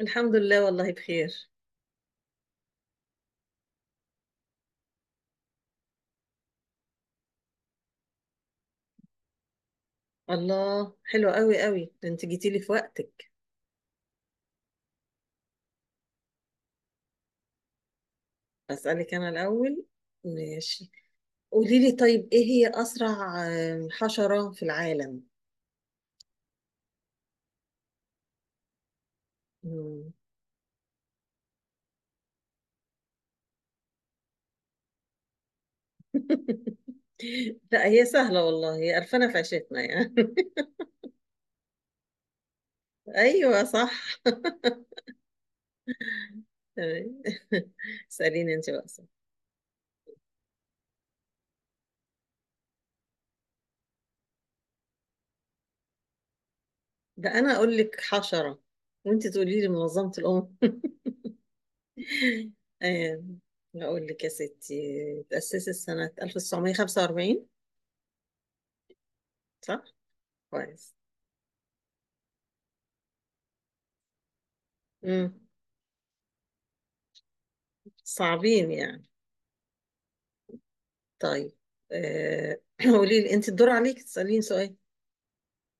الحمد لله والله بخير. الله، حلو قوي قوي، ده انت جيتي لي في وقتك. اسالك انا الاول. ماشي. قولي لي طيب، ايه هي اسرع حشرة في العالم؟ مم. لا، هي سهلة والله، هي قرفانة في عيشتنا يعني. ايوه صح. تمام. اساليني انت بقى. ده انا اقول لك حشرة وانت تقولي لي منظمة الامم. آه، اقول لك يا ستي تأسست سنة 1945. صح، كويس. امم، صعبين يعني؟ طيب. قولي لي انت، الدور عليك تسأليني سؤال،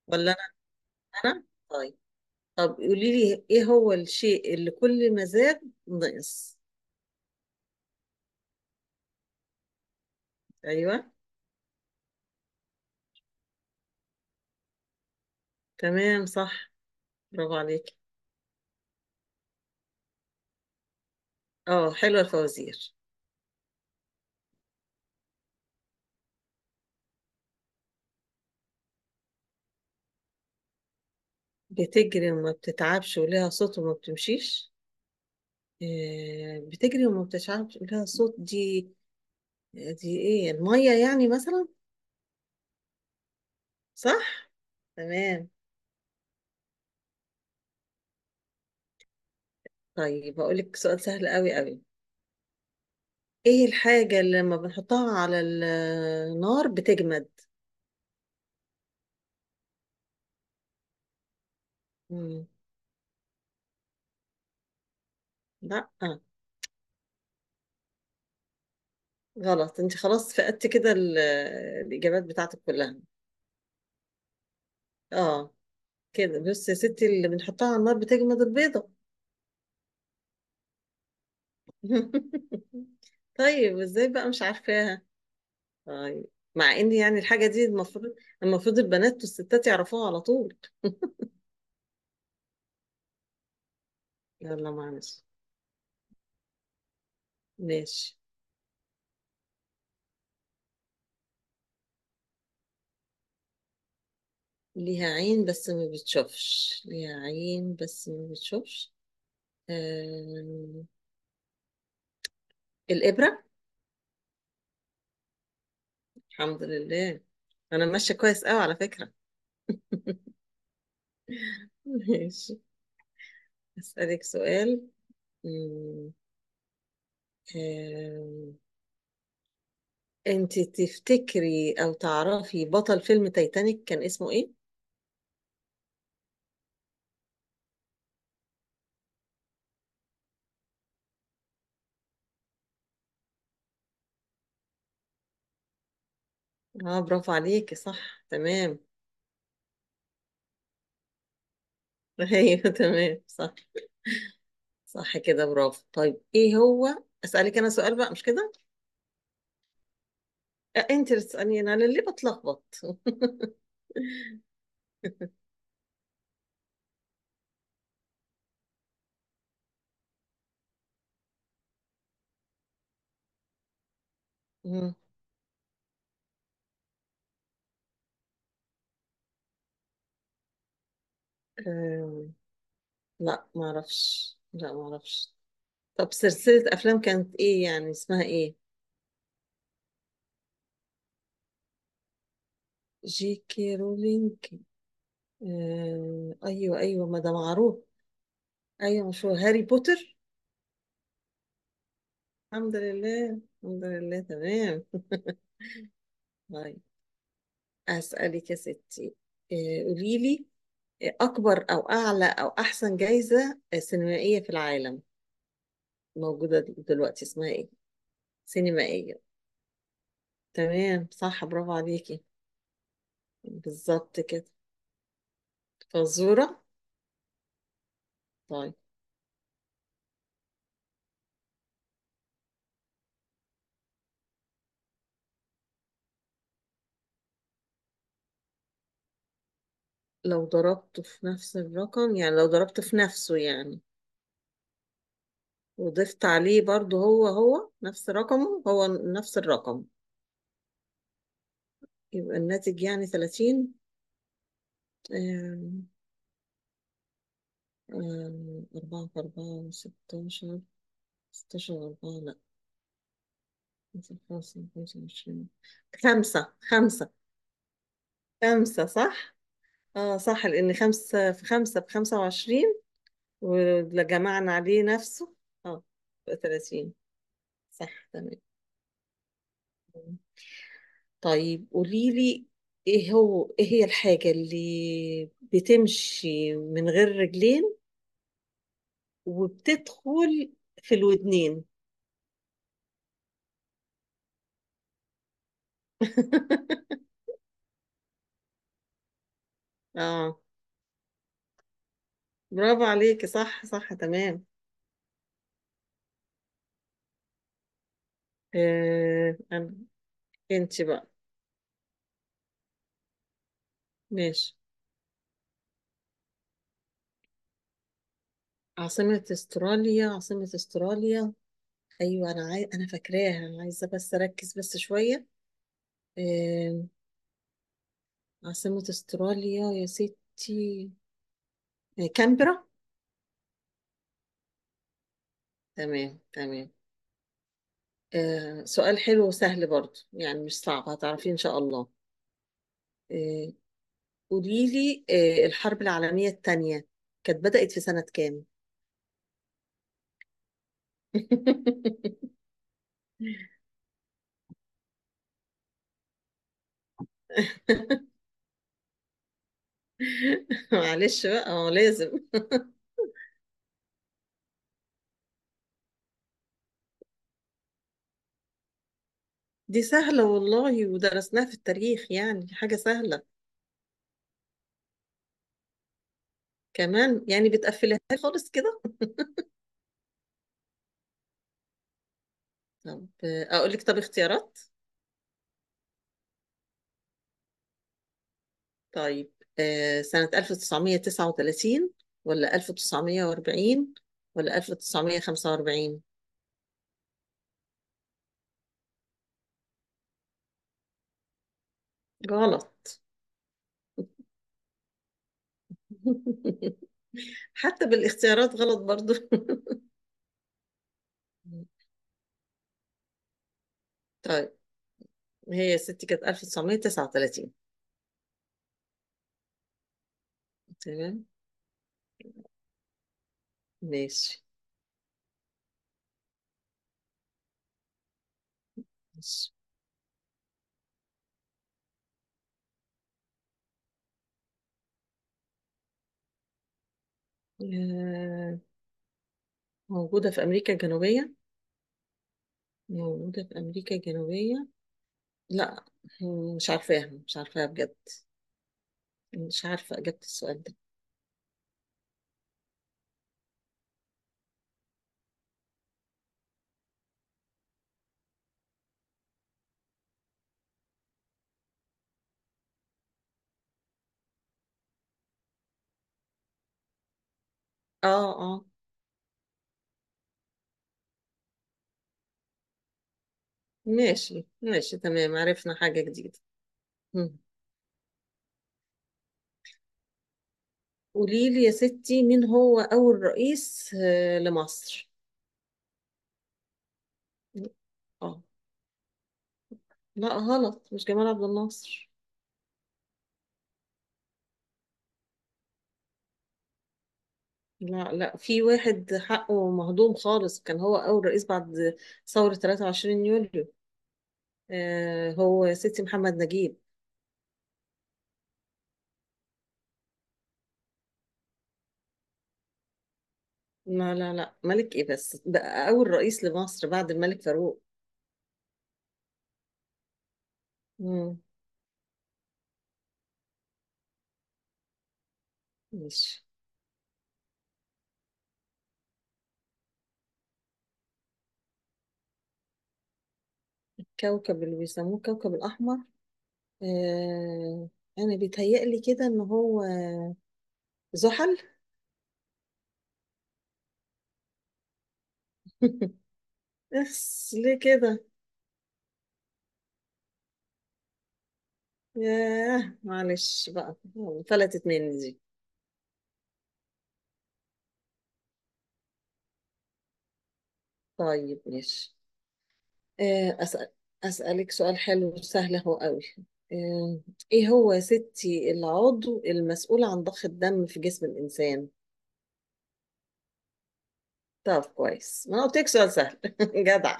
ولا انا؟ طيب. طب قولي لي، ايه هو الشيء اللي كل ما زاد نقص؟ ايوه تمام صح، برافو عليك. اه حلوه الفوازير. بتجري وما بتتعبش ولها صوت وما بتمشيش؟ بتجري وما بتتعبش ولها صوت، دي ايه؟ الميه يعني مثلا. صح. تمام. طيب، اقول لك سؤال سهل قوي قوي. ايه الحاجة اللي لما بنحطها على النار بتجمد؟ مم. لا. آه. غلط. انت خلاص، فقدت كده الإجابات بتاعتك كلها. اه كده، بص يا ستي، اللي بنحطها على النار بتجمد البيضة. طيب ازاي بقى مش عارفاها؟ طيب، مع ان يعني الحاجة دي المفروض، المفروض البنات والستات يعرفوها على طول. يلا معلش. ماشي. ليها عين بس ما بتشوفش، ليها عين بس ما بتشوفش. آه... الإبرة. الحمد لله. انا ماشيه كويس قوي على فكره. ماشي. اسالك سؤال. مم. آم، انت تفتكري او تعرفي بطل فيلم تايتانيك كان اسمه ايه؟ اه برافو عليكي، صح تمام. ايوه تمام صح. صح كده، برافو. طيب ايه هو؟ اسالك انا سؤال بقى، مش كده؟ انت اللي تساليني انا، ليه بتلخبط؟ مم. آم، لا ما اعرفش، لا ما اعرفش. طب، سلسله افلام كانت ايه، يعني اسمها ايه؟ جي كي رولينج؟ آه ايوه ايوه، ما ده معروف. ايوه مشهور، هاري بوتر. الحمد لله. الحمد لله تمام. طيب، اسالك يا ستي. آه قولي لي، اكبر او اعلى او احسن جائزه سينمائيه في العالم موجوده دلوقتي اسمها ايه؟ سينمائيه. تمام صح، برافو عليكي. بالظبط كده، فزوره. طيب. لو ضربته في نفس الرقم يعني، لو ضربته في نفسه يعني وضفت عليه برضو هو هو نفس رقمه، هو نفس الرقم، يبقى الناتج يعني 30. آم، أربعة في أربعة ستاشر. ستاشر أربعة، لأ. خمسة في خمسة، خمسة وعشرين. خمسة خمسة. خمسة، صح؟ اه صح، لأن خمسة في خمسة بخمسة وعشرين، ولو جمعنا عليه نفسه، اه، بقى تلاتين. صح تمام. طيب قولي لي، ايه هي الحاجة اللي بتمشي من غير رجلين وبتدخل في الودنين؟ اه برافو عليكي، صح صح تمام. آه انا انت بقى. ماشي. عاصمة استراليا، عاصمة استراليا. ايوه انا انا فاكراها، انا عايزة بس اركز بس شوية. آه، عاصمة استراليا يا ستي، كامبرا. تمام تمام. سؤال حلو وسهل برضو يعني مش صعب، هتعرفيه إن شاء الله. آه، قوليلي، الحرب العالمية التانية كانت بدأت في سنة كام؟ معلش بقى، هو لازم. دي سهلة والله، ودرسناها في التاريخ يعني حاجة سهلة. كمان يعني بتقفلها خالص كده. طب أقول لك طب اختيارات. طيب، سنة 1939 ولا 1940 ولا 1945؟ غلط. حتى بالاختيارات غلط برضو. طيب، هي يا ستي كانت 1939. تمام. ماشي ماشي. آه، موجودة في أمريكا الجنوبية، موجودة في أمريكا الجنوبية؟ لا. مش عارفاها، مش عارفاها بجد. مش عارفة إجابة السؤال ده. اه اه. ماشي ماشي، تمام. عرفنا حاجة جديدة. مم. قولي لي يا ستي، مين هو أول رئيس لمصر؟ اه. لا غلط، مش جمال عبد الناصر. لا لا، في واحد حقه مهضوم خالص، كان هو أول رئيس بعد ثورة 23 يوليو. آه، هو يا ستي محمد نجيب. لا لا لا، ملك إيه؟ بس بقى أول رئيس لمصر بعد الملك فاروق. مم. ماشي. كوكب اللي بيسموه الكوكب الأحمر. آه، أنا بيتهيألي كده إن هو زحل. بس ليه كده؟ ياه معلش بقى، فلتت مني دي. طيب ماشي. أسأل. أسألك سؤال حلو وسهل أهو قوي. آه، إيه هو يا ستي العضو المسؤول عن ضخ الدم في جسم الإنسان؟ طب كويس، ما أنا قلت لك سؤال سهل. جدع.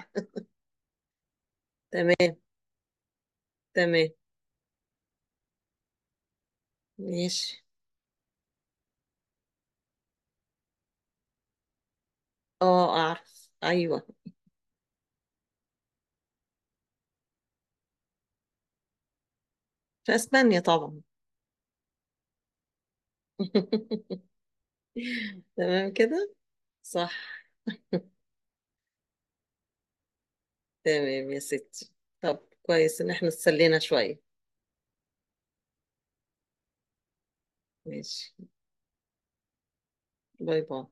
تمام تمام. ماشي. أه أعرف أيوه. في أسبانيا طبعا. تمام كده، صح. تمام يا ستي. طب كويس إن إحنا اتسلينا شوية. ماشي. باي باي.